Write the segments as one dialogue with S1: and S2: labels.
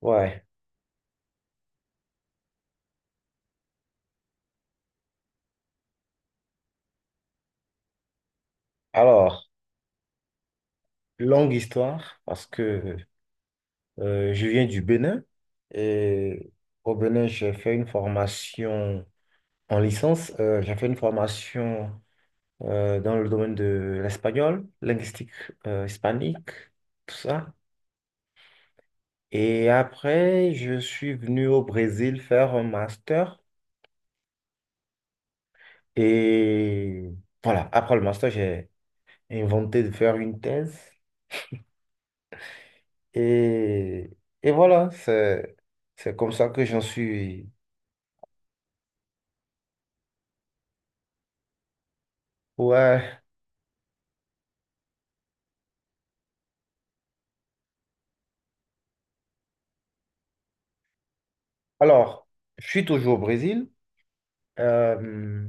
S1: Ouais. Alors, longue histoire, parce que je viens du Bénin et au Bénin, j'ai fait une formation en licence. J'ai fait une formation dans le domaine de l'espagnol, linguistique hispanique, tout ça. Et après, je suis venu au Brésil faire un master. Et voilà, après le master, j'ai inventé de faire une thèse. Et, et voilà, c'est comme ça que j'en suis. Ouais. Alors, je suis toujours au Brésil. Euh,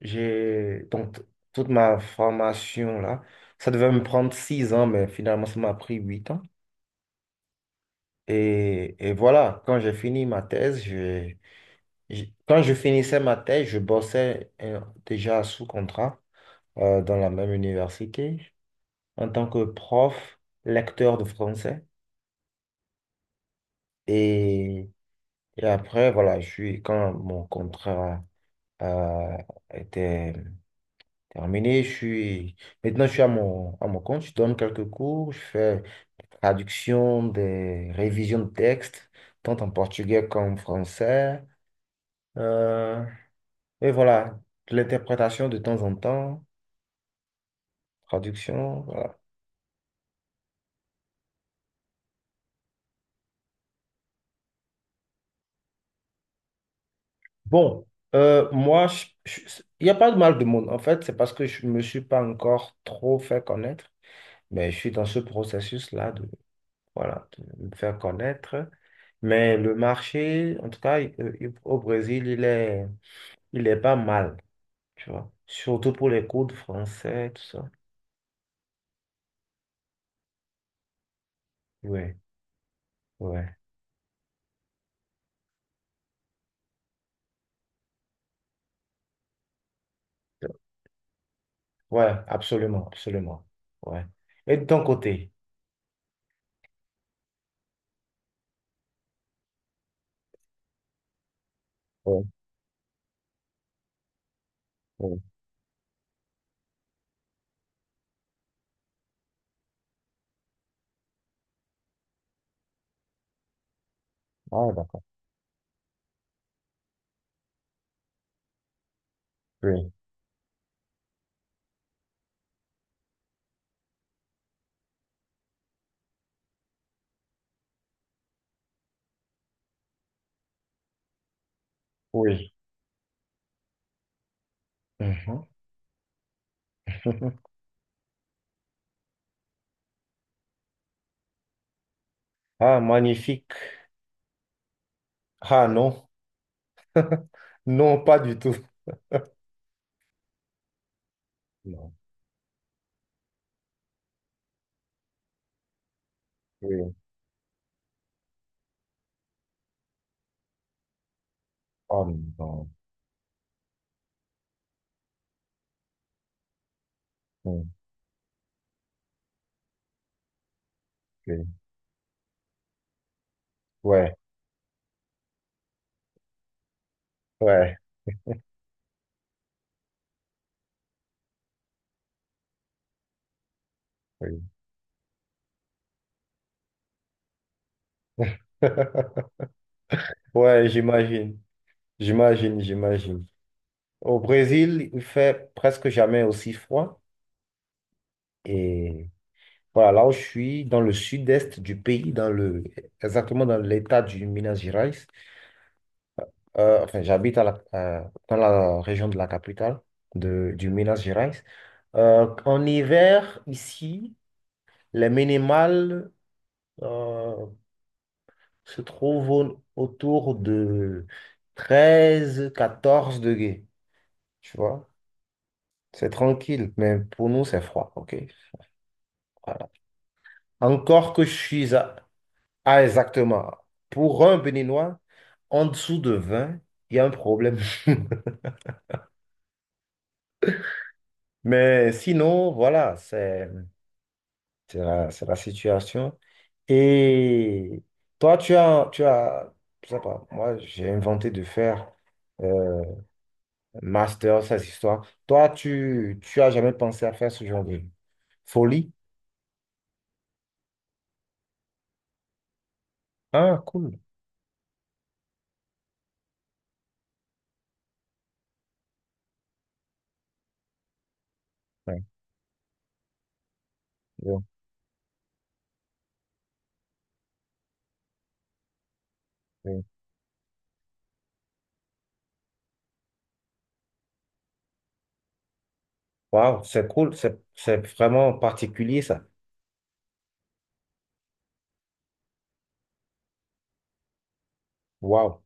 S1: j'ai donc toute ma formation là. Ça devait me prendre 6 ans, mais finalement, ça m'a pris 8 ans. Et voilà, quand j'ai fini ma thèse, quand je finissais ma thèse, je bossais déjà sous contrat dans la même université en tant que prof, lecteur de français. Et après, voilà, quand mon contrat a été terminé, maintenant je suis à mon compte, je donne quelques cours, je fais traduction des révisions de textes, tant en portugais qu'en français. Euh, et voilà, de l'interprétation de temps en temps, traduction, voilà. Bon, moi, il n'y a pas de mal de monde. En fait, c'est parce que je ne me suis pas encore trop fait connaître, mais je suis dans ce processus-là voilà, de me faire connaître. Mais le marché, en tout cas, au Brésil, il est pas mal, tu vois. Surtout pour les cours de français, tout ça. Ouais, ouais. Ouais, absolument, absolument. Ouais. Et de ton côté? Oui, oui. Ah, d'accord. Oui, oui. Mhm. Ah, magnifique. Ah, non. Non, pas du tout. Non. Oui. Oh, non. Mm, oui. Ouais, ouais, oui. Ouais, j'imagine. J'imagine, j'imagine. Au Brésil, il fait presque jamais aussi froid. Et voilà, là où je suis, dans le sud-est du pays, exactement dans l'état du Minas Gerais. Enfin, j'habite dans la région de la capitale du Minas Gerais. En hiver, ici, les minimales euh, se trouvent autour de 13, 14 degrés. Tu vois? C'est tranquille, mais pour nous, c'est froid, ok? Voilà. Encore que je suis à exactement, pour un Béninois, en dessous de 20, il y a un problème. Mais sinon, voilà, c'est la situation. Et toi, tu as, je sais pas, moi, j'ai inventé de faire euh, un master, ces histoires. Toi, tu as jamais pensé à faire ce genre de folie? Ah, cool. Ouais, ouais, ouais. Waouh, c'est cool, c'est vraiment particulier ça. Waouh.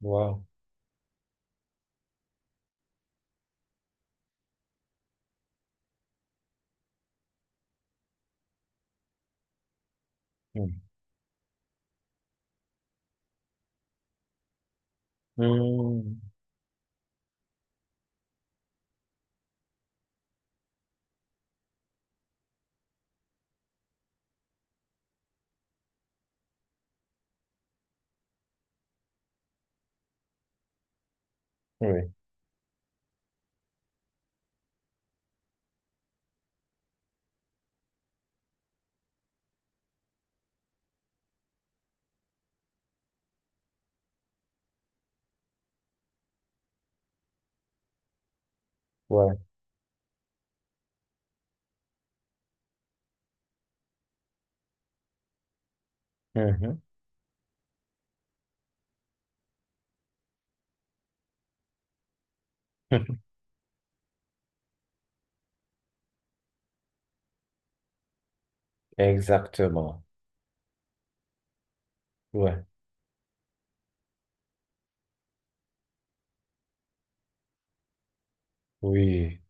S1: Wow. Mm. Mm. Oui, ouais. Mhm. Exactement. Ouais. Oui.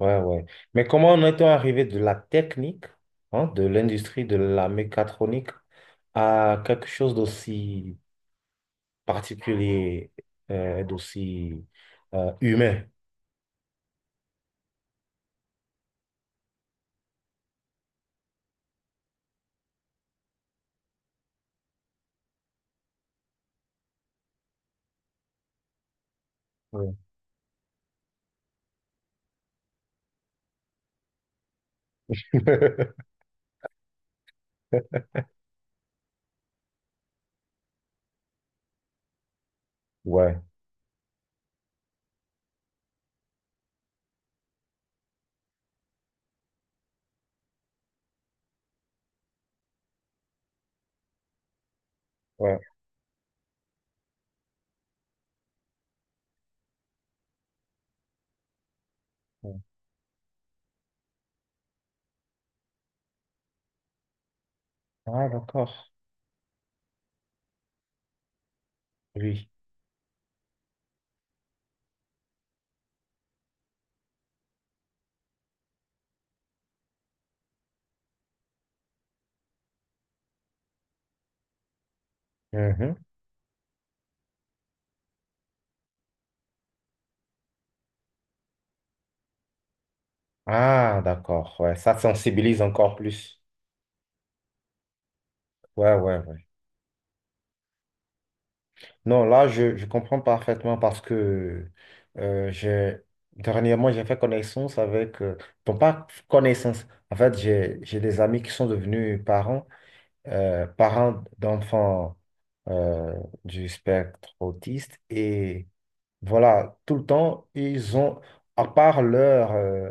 S1: Ouais, ouais. Mais comment en est-on arrivé de la technique, hein, de l'industrie de la mécatronique à quelque chose d'aussi particulier, d'aussi humain? Oui. Ouais, ouais. Ah, d'accord. Oui. Mhm. Ah, d'accord. Ouais, ça sensibilise encore plus. Ouais, ouais, ouais. Non, là, je comprends parfaitement parce que j'ai dernièrement, j'ai fait connaissance avec, bon, pas connaissance, en fait, j'ai des amis qui sont devenus parents, parents d'enfants euh, du spectre autiste. Et voilà, tout le temps, à part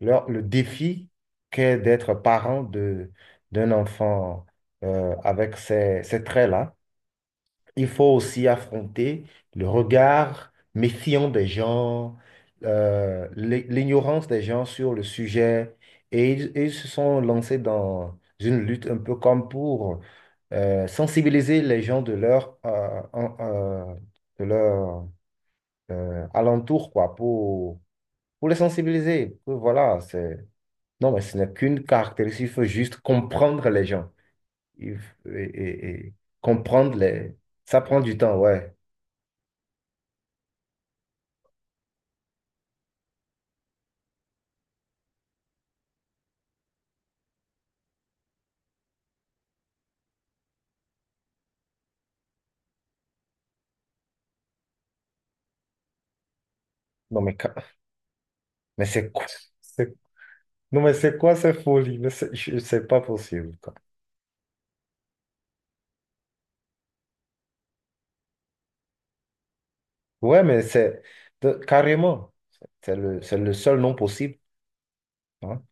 S1: leur le défi qu'est d'être parent d'un enfant avec ces traits-là, il faut aussi affronter le regard méfiant des gens, l'ignorance des gens sur le sujet. Et ils se sont lancés dans une lutte un peu comme pour sensibiliser les gens de de leur alentour, quoi, pour les sensibiliser. Que voilà, c'est... Non, mais ce n'est qu'une caractéristique, il faut juste comprendre les gens et comprendre les... Ça prend du temps, ouais. Non, mais, mais c'est quoi? c'est- Non, mais c'est quoi cette folie? Mais c'est pas possible, quoi. Ouais, mais carrément. C'est le seul nom possible, hein.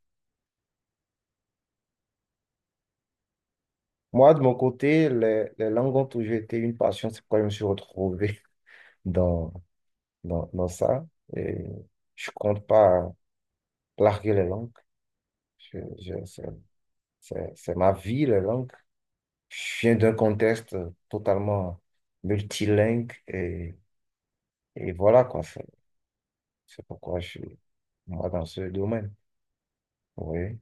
S1: Moi, de mon côté, les langues ont toujours été une passion. C'est pourquoi je me suis retrouvé dans, dans ça. Et je compte pas larguer les langues. Je- je- c'est c'est ma vie, la langue. Je viens d'un contexte totalement multilingue et voilà quoi. C'est pourquoi je suis moi dans ce domaine. Oui.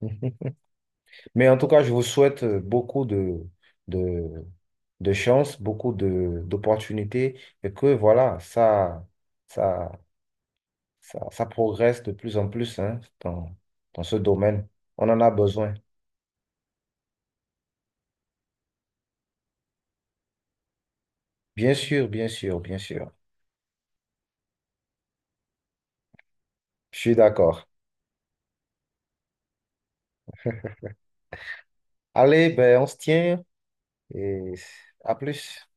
S1: Mais en tout cas, je vous souhaite beaucoup de, de chance, beaucoup d'opportunités et que voilà, ça, ça progresse de plus en plus hein, dans ce domaine. On en a besoin. Bien sûr, bien sûr, bien sûr. Je suis d'accord. Allez, ben, on se tient et à plus.